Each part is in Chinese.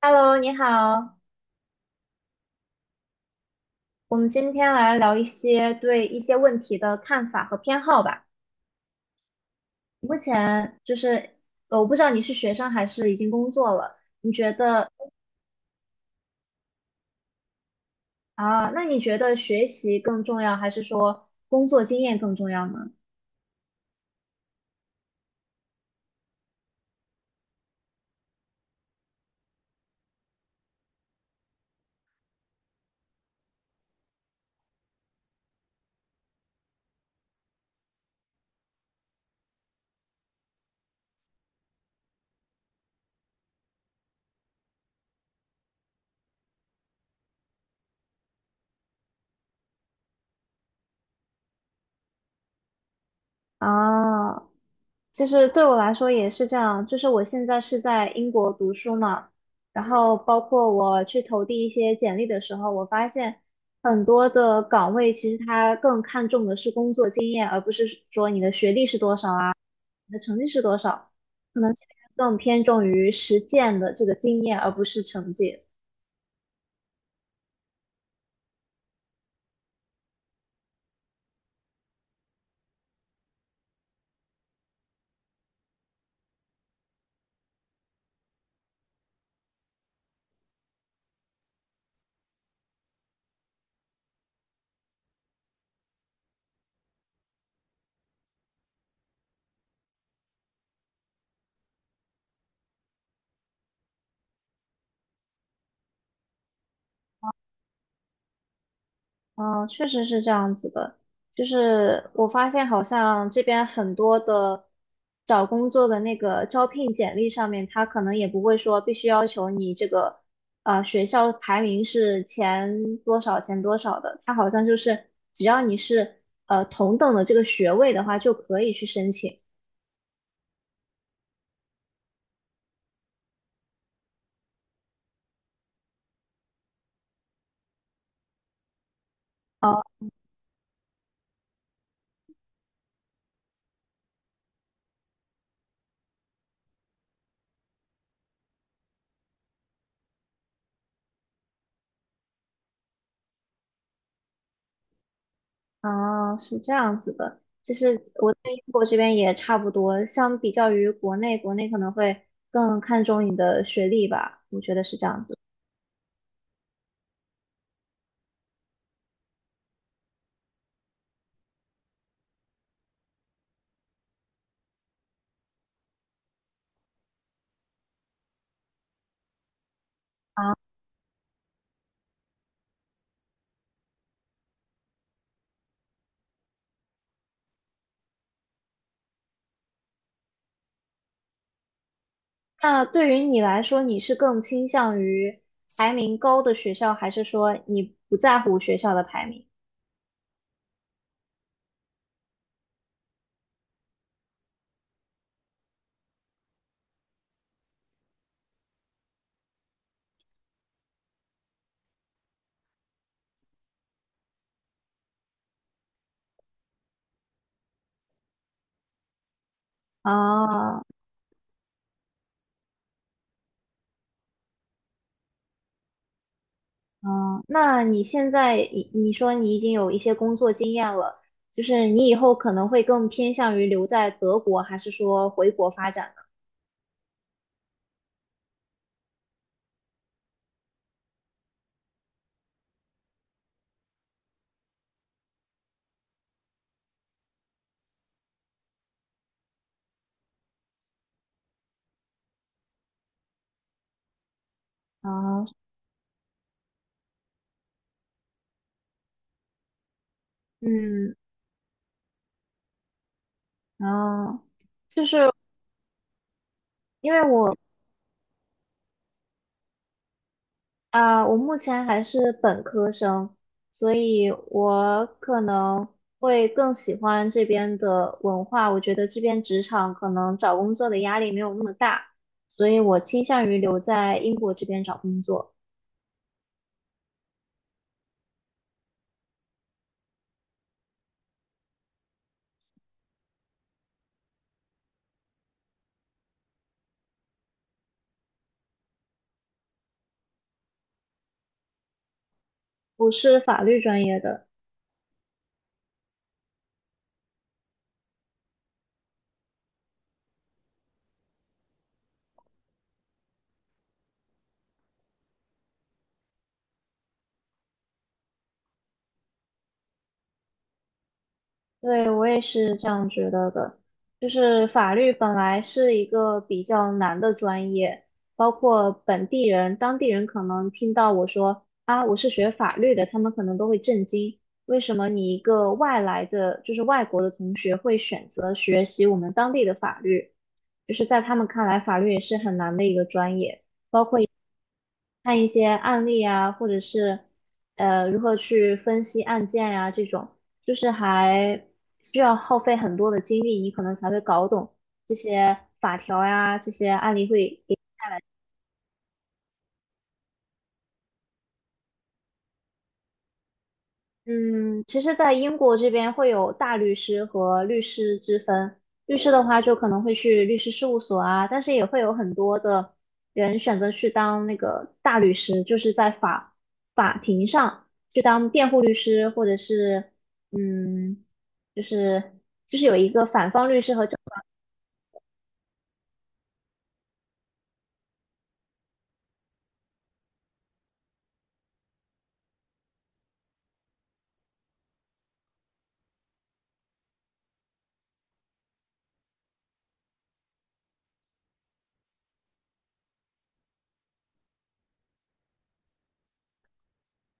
Hello，你好，我们今天来聊一些对一些问题的看法和偏好吧。目前就是，我不知道你是学生还是已经工作了，你觉得啊，那你觉得学习更重要，还是说工作经验更重要呢？啊，其实对我来说也是这样，就是我现在是在英国读书嘛，然后包括我去投递一些简历的时候，我发现很多的岗位其实它更看重的是工作经验，而不是说你的学历是多少啊，你的成绩是多少，可能这边更偏重于实践的这个经验，而不是成绩。嗯，确实是这样子的。就是我发现，好像这边很多的找工作的那个招聘简历上面，他可能也不会说必须要求你这个学校排名是前多少前多少的，他好像就是只要你是同等的这个学位的话，就可以去申请。呃哦，是这样子的。就是我在英国这边也差不多，相比较于国内，国内可能会更看重你的学历吧，我觉得是这样子。啊，那对于你来说，你是更倾向于排名高的学校，还是说你不在乎学校的排名？啊，嗯，那你现在你说你已经有一些工作经验了，就是你以后可能会更偏向于留在德国，还是说回国发展呢？啊。嗯，啊，就是因为我啊、我目前还是本科生，所以我可能会更喜欢这边的文化。我觉得这边职场可能找工作的压力没有那么大，所以我倾向于留在英国这边找工作。我是法律专业的，对，我也是这样觉得的。就是法律本来是一个比较难的专业，包括本地人、当地人可能听到我说啊，我是学法律的，他们可能都会震惊，为什么你一个外来的，就是外国的同学会选择学习我们当地的法律？就是在他们看来，法律也是很难的一个专业。看一些案例啊，或者是如何去分析案件呀、这种，就是还需要耗费很多的精力，你可能才会搞懂这些法条呀、这些案例会。嗯，其实，在英国这边会有大律师和律师之分。律师的话，就可能会去律师事务所啊，但是也会有很多的人选择去当那个大律师，就是在法庭上去当辩护律师，或者是嗯，就是有一个反方律师和。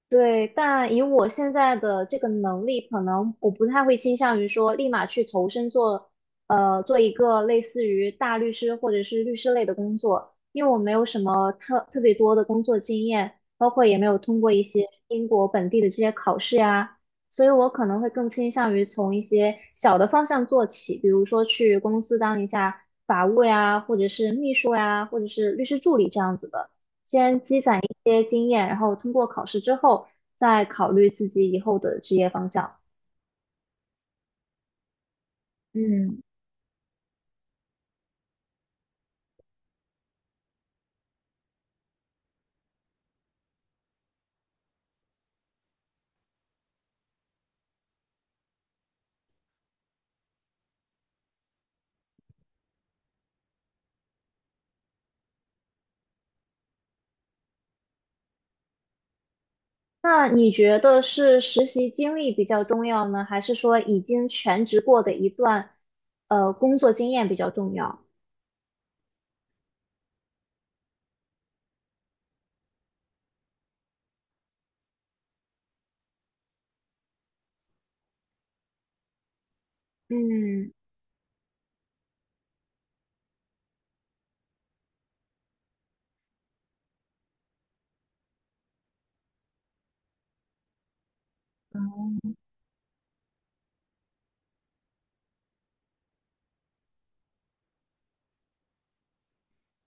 对，但以我现在的这个能力，可能我不太会倾向于说立马去投身做，呃，做一个类似于大律师或者是律师类的工作，因为我没有什么特别多的工作经验，包括也没有通过一些英国本地的这些考试呀，所以我可能会更倾向于从一些小的方向做起，比如说去公司当一下法务呀，或者是秘书呀，或者是律师助理这样子的。些经验，然后通过考试之后再考虑自己以后的职业方向。嗯。那你觉得是实习经历比较重要呢，还是说已经全职过的一段工作经验比较重要？嗯，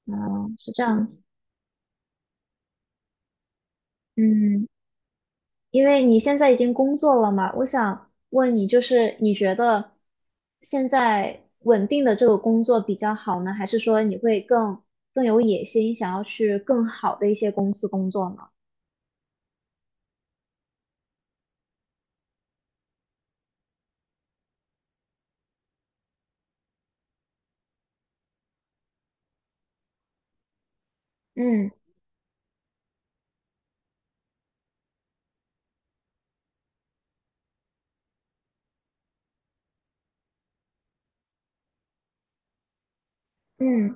哦，是这样子。嗯，因为你现在已经工作了嘛，我想问你，就是你觉得现在稳定的这个工作比较好呢，还是说你会更有野心，想要去更好的一些公司工作呢？嗯嗯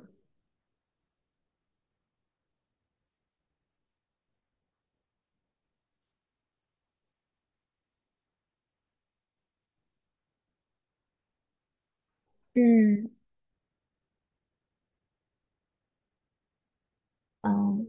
嗯嗯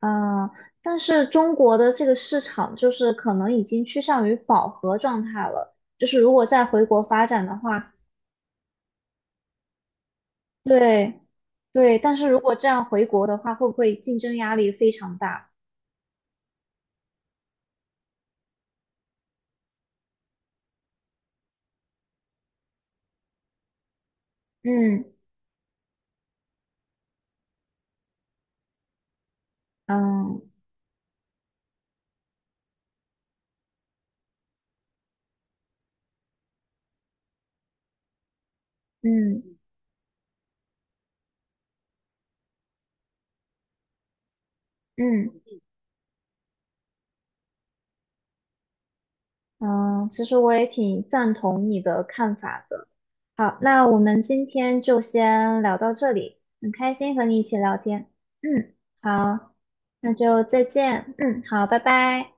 呃，但是中国的这个市场就是可能已经趋向于饱和状态了，就是如果再回国发展的话，对对，但是如果这样回国的话，会不会竞争压力非常大？嗯嗯嗯嗯嗯，其实我也挺赞同你的看法的。好，那我们今天就先聊到这里，很开心和你一起聊天。嗯，好，那就再见。嗯，好，拜拜。